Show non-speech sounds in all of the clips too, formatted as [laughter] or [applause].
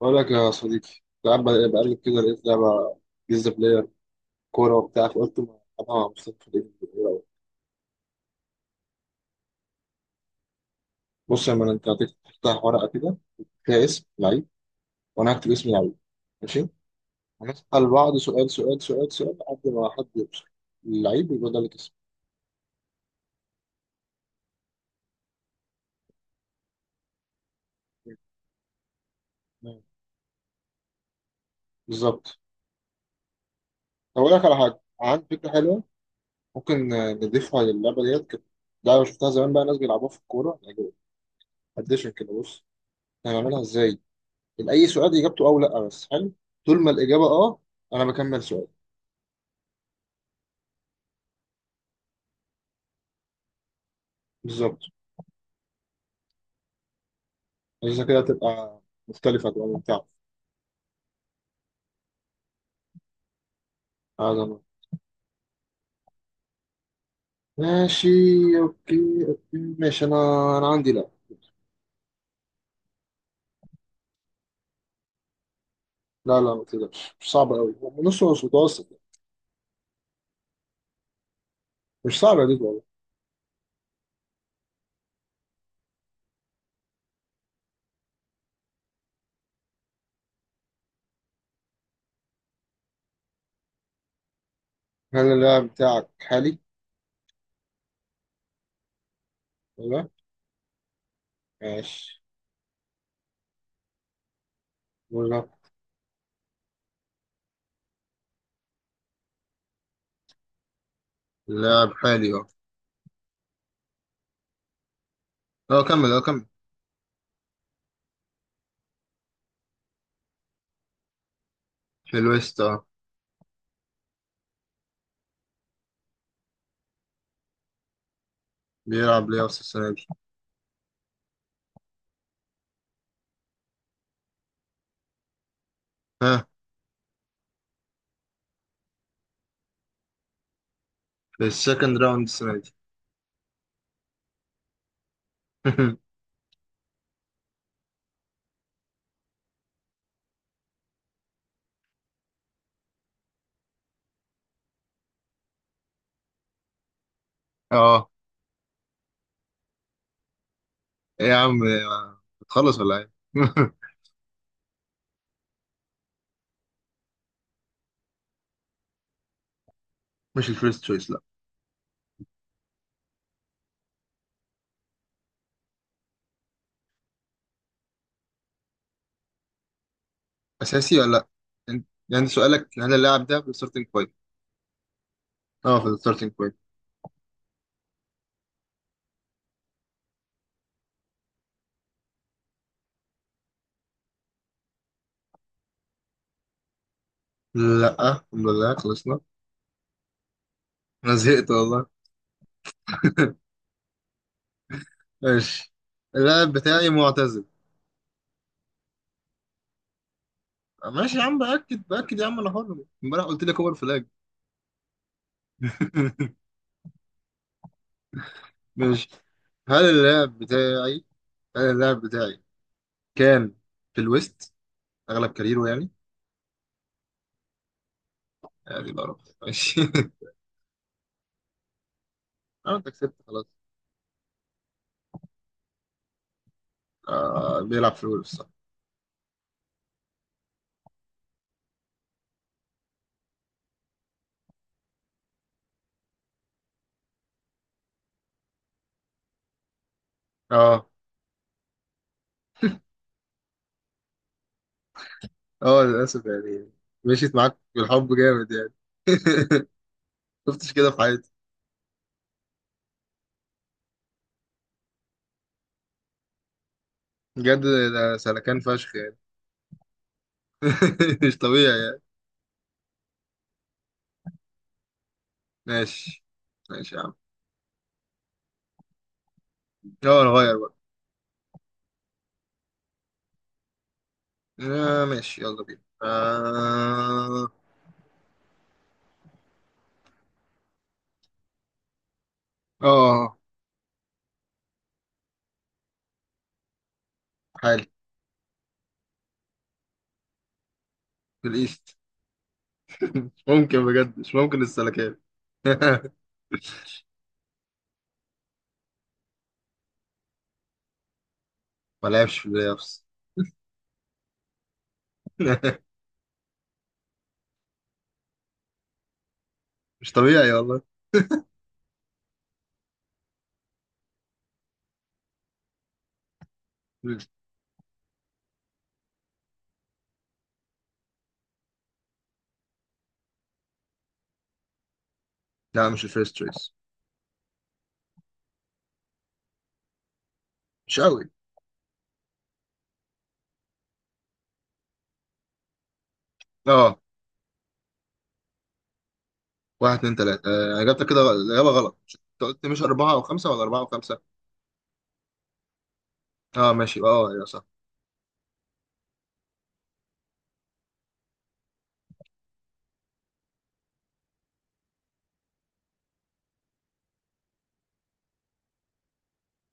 بقول لك يا صديقي، كنت قاعد بقلب كده لقيت لعبة جيزة بلاير، كورة وبتاع، فقلت ما أنا مصطفى في الإيد الكورة. بص يا مان، أنت هتفتح ورقة كده فيها اسم لعيب، وأنا هكتب اسم لعيب، ماشي. هنسأل بعض سؤال سؤال سؤال سؤال لحد ما حد يوصل اللعيب، يبقى ده اللي كسب. تمام، بالظبط. هقول لك على حاجة، عندي فكرة حلوة، ممكن نضيفها للعبة ديت كده. لعبة شفتها زمان بقى، ناس بيلعبوها في الكورة يعني، أديشن كده. بص هنعملها إزاي: اي سؤال اجابته او لا بس حلو، طول ما الاجابه اه، انا بكمل سؤال. بالظبط، عشان كده تبقى مختلفه، تبقى ممتعه. هذا. ماشي. اوكي، اوكي، ماشي، انا عندي. لا، لا، لا، ما تقدرش، مش صعبه قوي، نص نص، متوسط يعني. مش صعبه دي والله. هل اللاعب بتاعك حالي ولا؟ ماشي، ولا. اللاعب حالي اه. اه كمل، اه كمل. في الويست اه. بيلعب ليه اصلا السنه دي؟ ها. في السكند راوند السنه دي. [laughs] اه. إيه يا عم؟ بتخلص ولا ايه؟ [laughs] مش الفيرست تشويس، لا. اساسي ولا لا. أنت- يعني سؤالك هل اللاعب ده في الستارتنج بوينت؟ اه، في الستارتنج بوينت. لا، الحمد لله خلصنا. انا زهقت والله. [laughs] ماشي. اللاعب بتاعي معتزل. ماشي يا عم، باكد باكد يا عم، انا حر. امبارح قلت لك اوفر فلاج. [laughs] ماشي. هل اللاعب بتاعي هل اللاعب بتاعي كان في الويست اغلب كاريره يعني بقى رب. ماشي. [laughs] اه انت كسبت خلاص. آه بيلعب في الويست صح. اه، اه، للأسف يعني. مشيت معاك بالحب جامد يعني. [laughs] شفتش كده في حياتي بجد. ده سلكان فشخ يعني. [laughs] مش طبيعي يعني. ماشي، ماشي يا عم. اه نغير بقى. آه ماشي، يلا بينا. اه، اه، آه، حالي. في الإيست. مش ممكن بجد، مش ممكن السلكان. [laughs] ما لعبش في البلاي أوفس. [laughs] مش طبيعي والله. لا مش الفيرست تشويس. مش قوي. اه، واحد اتنين تلاتة. آه، اجابتك كده الإجابة غلط، انت قلت مش أربعة أو خمسة ولا أربعة وخمسة؟ اه ماشي، اه يا صح.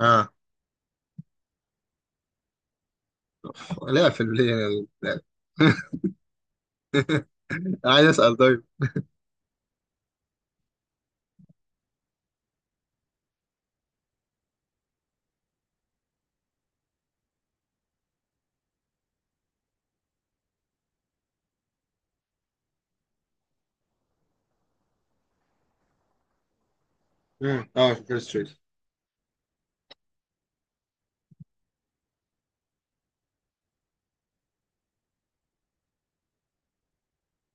اه. [laughs] لا، في البلاي لا. [laughs] عايز اسال طيب. مم. اه، فكرة ستريت.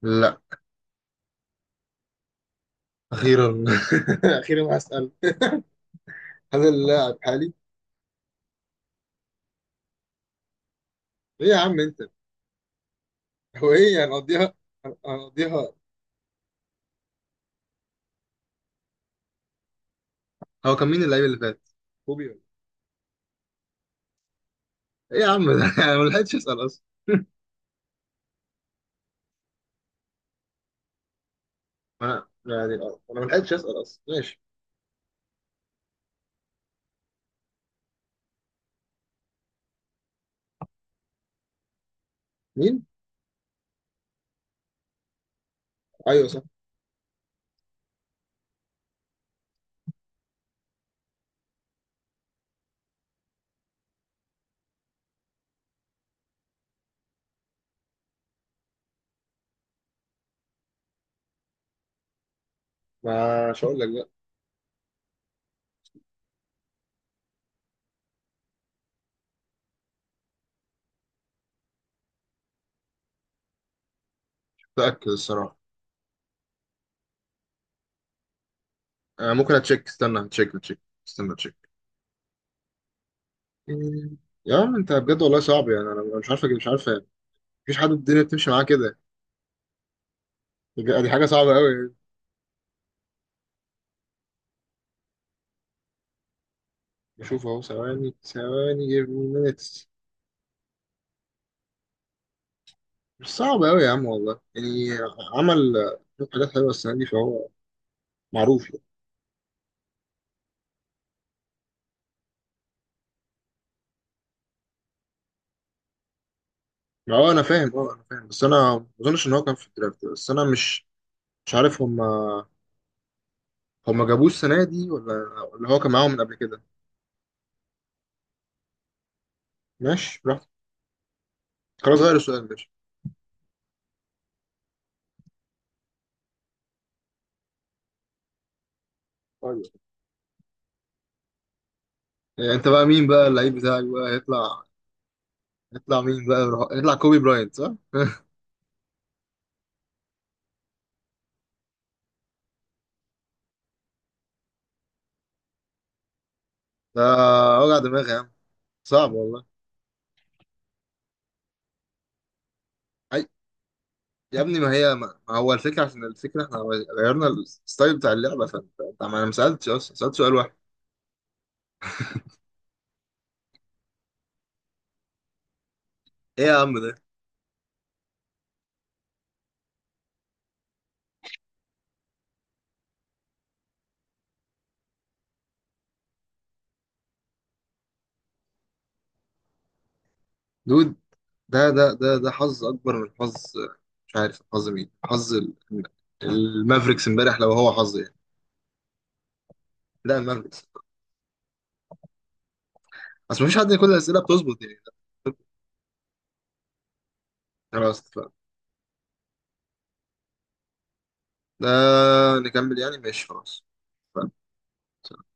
لا، اخيرا. [laughs] اخيرا هسأل: هل اللاعب حالي؟ ايه يا عم انت؟ هو ايه، هنقضيها؟ هنقضيها. هو كان مين اللعيب اللي فات، كوبي ولا؟ ايه يا عم ده؟ [laughs] انا ما لحقتش اسال اصلا. [laughs] ما يعني اه، انا ما لحقتش اسال اصلا، ماشي. مين؟ ايوه صح. ما مش هقول لك بقى. متاكد الصراحه. آه ممكن اتشيك، استنى اتشيك، اتشيك، استنى اتشيك. مم. يا عم انت بجد والله صعب يعني، انا مش عارف، مش عارف. مفيش حد في الدنيا بتمشي معاه كده بجد. دي حاجه صعبه قوي يعني. بشوف اهو، ثواني ثواني، give me minutes. مش صعب قوي يا عم والله يعني. عمل شوية حاجات حلوه السنه دي، فهو معروف يعني. ما هو انا فاهم، انا فاهم، بس انا ما اظنش ان هو كان في الدرافت، بس انا مش عارف. هم جابوه السنه دي، ولا ولا هو كان معاهم من قبل كده؟ ماشي، براحتك. خلاص غير السؤال، ماشي. طيب. إيه، انت بقى مين بقى اللعيب بتاعك بقى هيطلع؟ هيطلع مين بقى؟ هيطلع كوبي براينت صح؟ ده وجع دماغ يا عم، صعب والله. أي يا ابني، ما هي ما هو الفكرة، عشان الفكرة احنا غيرنا الستايل بتاع اللعبة، ما انا ما سألتش اصلا، سألت سؤال واحد. ايه يا عم ده؟ دود، ده حظ اكبر من حظ. مش عارف حظ مين، حظ المافريكس امبارح لو هو حظ يعني. لا، المافريكس. اصل مفيش حد كل الأسئلة بتظبط يعني. خلاص اتفقنا. ده نكمل يعني، ماشي، خلاص. اتفقنا.